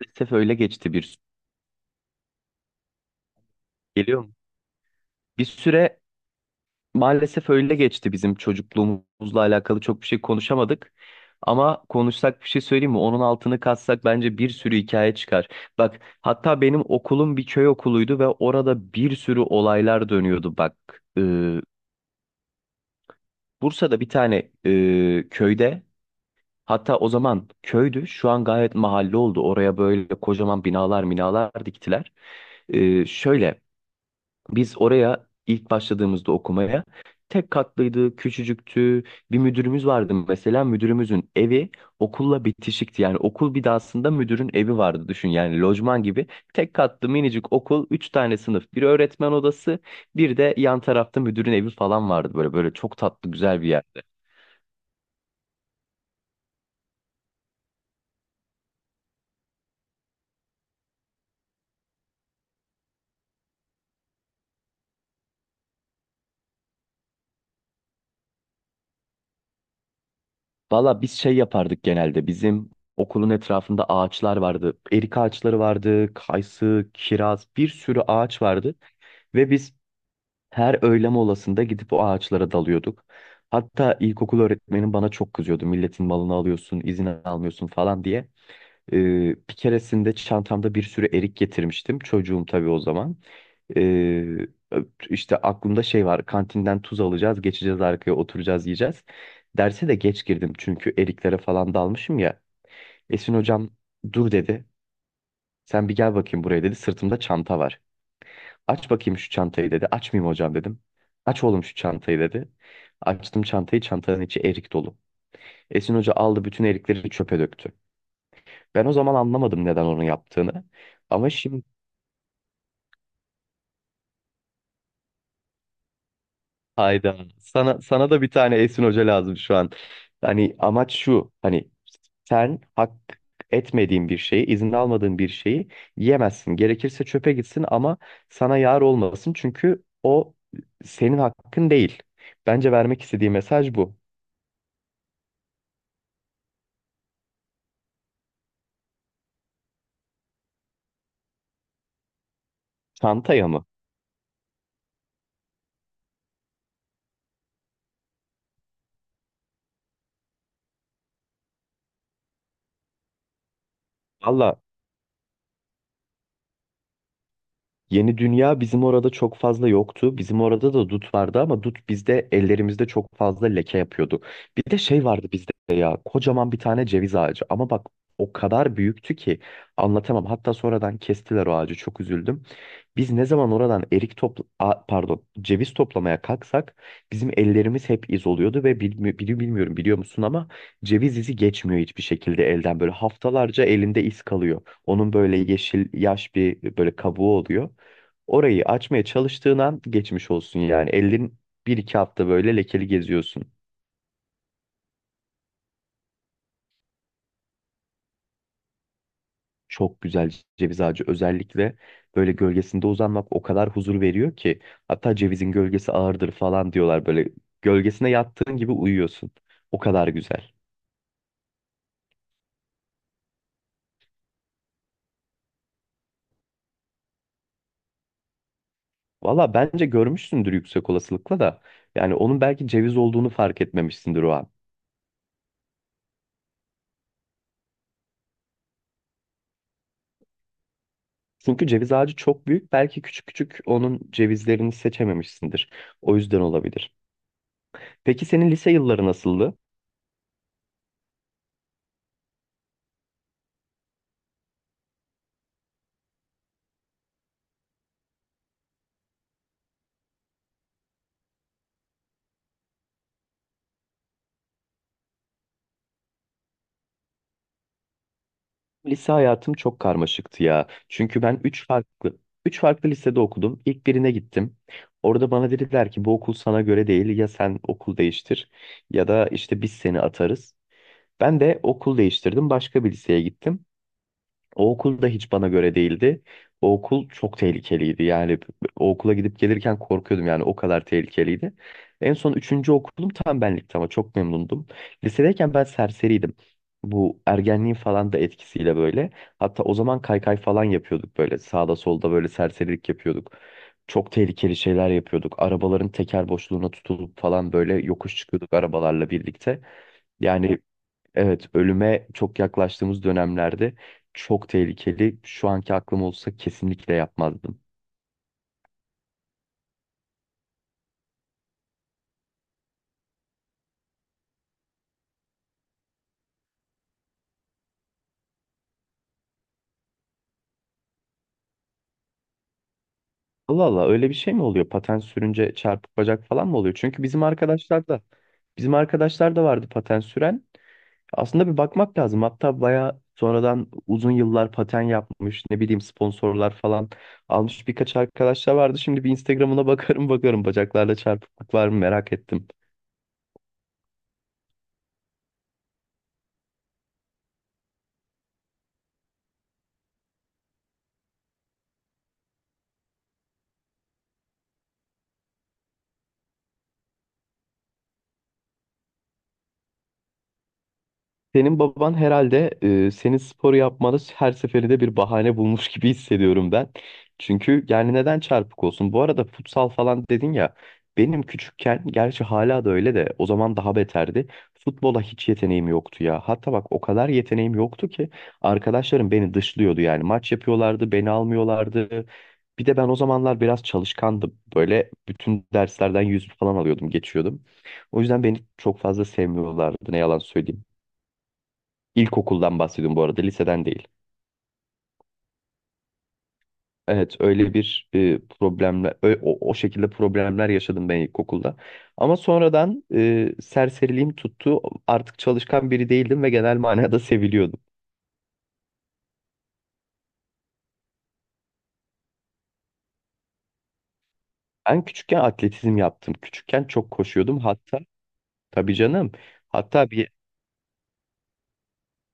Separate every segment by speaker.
Speaker 1: Maalesef öyle geçti bir süre. Geliyor mu? Bir süre maalesef öyle geçti, bizim çocukluğumuzla alakalı çok bir şey konuşamadık. Ama konuşsak bir şey söyleyeyim mi? Onun altını katsak bence bir sürü hikaye çıkar. Bak, hatta benim okulum bir köy okuluydu ve orada bir sürü olaylar dönüyordu. Bak, Bursa'da bir tane köyde, hatta o zaman köydü, şu an gayet mahalle oldu. Oraya böyle kocaman binalar diktiler. Şöyle. Biz oraya ilk başladığımızda okumaya tek katlıydı, küçücüktü. Bir müdürümüz vardı mesela, müdürümüzün evi okulla bitişikti. Yani okul binasında müdürün evi vardı, düşün yani, lojman gibi. Tek katlı minicik okul, üç tane sınıf, bir öğretmen odası, bir de yan tarafta müdürün evi falan vardı. Böyle böyle çok tatlı, güzel bir yerdi. Valla biz şey yapardık genelde. Bizim okulun etrafında ağaçlar vardı. Erik ağaçları vardı, kayısı, kiraz, bir sürü ağaç vardı. Ve biz her öğle molasında gidip o ağaçlara dalıyorduk. Hatta ilkokul öğretmenim bana çok kızıyordu. Milletin malını alıyorsun, izin almıyorsun falan diye. Ee, bir keresinde çantamda bir sürü erik getirmiştim. Çocuğum tabii o zaman. Ee, işte aklımda şey var. Kantinden tuz alacağız, geçeceğiz arkaya, oturacağız, yiyeceğiz. Derse de geç girdim çünkü eriklere falan dalmışım ya. Esin hocam dur dedi. Sen bir gel bakayım buraya dedi. Sırtımda çanta var. Aç bakayım şu çantayı dedi. Açmayayım hocam dedim. Aç oğlum şu çantayı dedi. Açtım çantayı. Çantanın içi erik dolu. Esin hoca aldı, bütün erikleri çöpe döktü. Ben o zaman anlamadım neden onu yaptığını. Ama şimdi. Hayda. Sana da bir tane Esin Hoca lazım şu an. Hani amaç şu. Hani sen hak etmediğin bir şeyi, izin almadığın bir şeyi yemezsin. Gerekirse çöpe gitsin ama sana yar olmasın. Çünkü o senin hakkın değil. Bence vermek istediği mesaj bu. Çantaya mı? Valla, Yeni Dünya bizim orada çok fazla yoktu. Bizim orada da dut vardı ama dut bizde, ellerimizde çok fazla leke yapıyordu. Bir de şey vardı bizde ya, kocaman bir tane ceviz ağacı, ama bak, o kadar büyüktü ki anlatamam. Hatta sonradan kestiler o ağacı, çok üzüldüm. Biz ne zaman oradan erik topla a- pardon ceviz toplamaya kalksak bizim ellerimiz hep iz oluyordu ve bilmiyorum, biliyor musun ama ceviz izi geçmiyor hiçbir şekilde elden, böyle haftalarca elinde iz kalıyor. Onun böyle yeşil, yaş bir böyle kabuğu oluyor. Orayı açmaya çalıştığın an geçmiş olsun yani. Ellerin bir iki hafta böyle lekeli geziyorsun. Çok güzel ceviz ağacı, özellikle böyle gölgesinde uzanmak o kadar huzur veriyor ki. Hatta cevizin gölgesi ağırdır falan diyorlar böyle. Gölgesine yattığın gibi uyuyorsun. O kadar güzel. Valla bence görmüşsündür, yüksek olasılıkla da. Yani onun belki ceviz olduğunu fark etmemişsindir o an. Çünkü ceviz ağacı çok büyük. Belki küçük küçük onun cevizlerini seçememişsindir. O yüzden olabilir. Peki senin lise yılları nasıldı? Lise hayatım çok karmaşıktı ya. Çünkü ben üç farklı lisede okudum. İlk birine gittim. Orada bana dediler ki bu okul sana göre değil. Ya sen okul değiştir ya da işte biz seni atarız. Ben de okul değiştirdim. Başka bir liseye gittim. O okul da hiç bana göre değildi. O okul çok tehlikeliydi. Yani o okula gidip gelirken korkuyordum, yani o kadar tehlikeliydi. En son üçüncü okulum tam benlikti, ama çok memnundum. Lisedeyken ben serseriydim. Bu ergenliğin falan da etkisiyle böyle. Hatta o zaman kaykay falan yapıyorduk böyle. Sağda solda böyle serserilik yapıyorduk. Çok tehlikeli şeyler yapıyorduk. Arabaların teker boşluğuna tutulup falan böyle yokuş çıkıyorduk arabalarla birlikte. Yani, evet, ölüme çok yaklaştığımız dönemlerde, çok tehlikeli. Şu anki aklım olsa kesinlikle yapmazdım. Allah Allah, öyle bir şey mi oluyor? Patent sürünce çarpık bacak falan mı oluyor? Çünkü bizim arkadaşlar da vardı patent süren. Aslında bir bakmak lazım. Hatta bayağı sonradan uzun yıllar paten yapmış, ne bileyim sponsorlar falan almış birkaç arkadaşlar vardı. Şimdi bir Instagram'ına bakarım bakarım, bacaklarda çarpıklık var mı merak ettim. Senin baban herhalde senin spor yapmanı her seferinde bir bahane bulmuş gibi hissediyorum ben. Çünkü yani neden çarpık olsun? Bu arada futsal falan dedin ya. Benim küçükken, gerçi hala da öyle de, o zaman daha beterdi. Futbola hiç yeteneğim yoktu ya. Hatta bak, o kadar yeteneğim yoktu ki arkadaşlarım beni dışlıyordu yani. Maç yapıyorlardı, beni almıyorlardı. Bir de ben o zamanlar biraz çalışkandım. Böyle bütün derslerden yüz falan alıyordum, geçiyordum. O yüzden beni çok fazla sevmiyorlardı, ne yalan söyleyeyim. İlkokuldan bahsediyorum bu arada, liseden değil. Evet, öyle bir problemle, o şekilde problemler yaşadım ben ilkokulda. Ama sonradan serseriliğim tuttu. Artık çalışkan biri değildim ve genel manada seviliyordum. Ben küçükken atletizm yaptım. Küçükken çok koşuyordum. Hatta tabii canım. Hatta bir.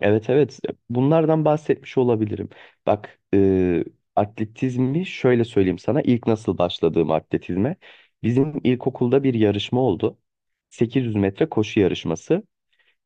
Speaker 1: Evet, evet, bunlardan bahsetmiş olabilirim. Bak, atletizmi şöyle söyleyeyim sana ilk nasıl başladığım atletizme. Bizim ilkokulda bir yarışma oldu. 800 metre koşu yarışması.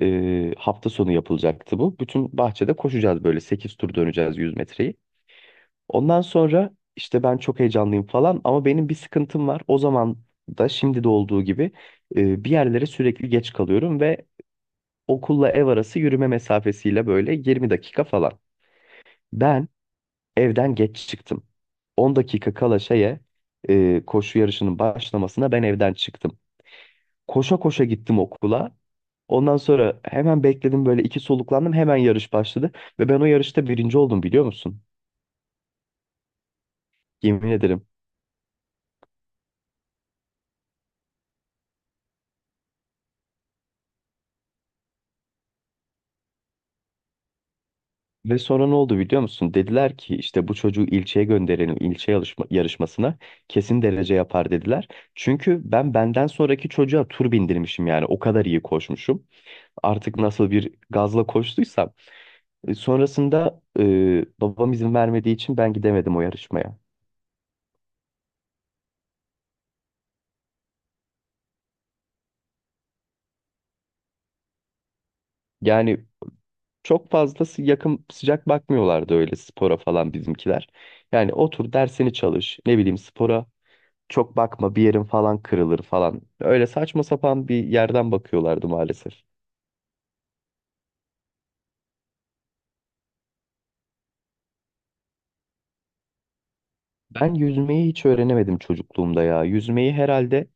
Speaker 1: Hafta sonu yapılacaktı bu. Bütün bahçede koşacağız böyle, 8 tur döneceğiz 100 metreyi. Ondan sonra işte ben çok heyecanlıyım falan ama benim bir sıkıntım var. O zaman da şimdi de olduğu gibi bir yerlere sürekli geç kalıyorum ve okulla ev arası yürüme mesafesiyle böyle 20 dakika falan. Ben evden geç çıktım. 10 dakika kala şeye, koşu yarışının başlamasına, ben evden çıktım. Koşa koşa gittim okula. Ondan sonra hemen bekledim böyle, iki soluklandım, hemen yarış başladı. Ve ben o yarışta birinci oldum, biliyor musun? Yemin ederim. Ve sonra ne oldu biliyor musun? Dediler ki işte bu çocuğu ilçeye gönderelim, ilçe yarışmasına kesin derece yapar dediler. Çünkü ben benden sonraki çocuğa tur bindirmişim, yani o kadar iyi koşmuşum. Artık nasıl bir gazla koştuysam. Sonrasında babam izin vermediği için ben gidemedim o yarışmaya. Yani çok fazla yakın sıcak bakmıyorlardı öyle spora falan bizimkiler. Yani otur dersini çalış, ne bileyim, spora çok bakma, bir yerin falan kırılır falan. Öyle saçma sapan bir yerden bakıyorlardı maalesef. Ben yüzmeyi hiç öğrenemedim çocukluğumda ya. Yüzmeyi herhalde,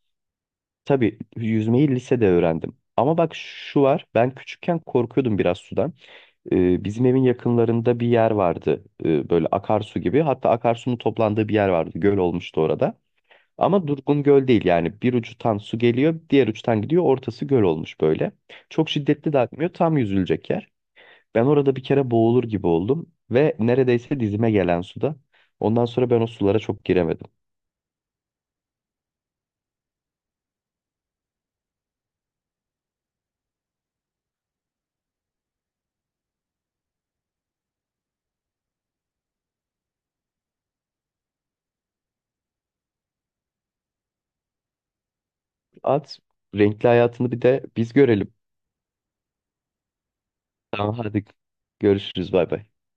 Speaker 1: tabii yüzmeyi lisede öğrendim. Ama bak şu var, ben küçükken korkuyordum biraz sudan. Bizim evin yakınlarında bir yer vardı. Böyle akarsu gibi. Hatta akarsunun toplandığı bir yer vardı. Göl olmuştu orada. Ama durgun göl değil yani. Bir ucundan su geliyor, diğer uçtan gidiyor. Ortası göl olmuş böyle. Çok şiddetli de akmıyor. Tam yüzülecek yer. Ben orada bir kere boğulur gibi oldum. Ve neredeyse dizime gelen suda. Ondan sonra ben o sulara çok giremedim. At, renkli hayatını bir de biz görelim. Tamam hadi, görüşürüz, bay bay.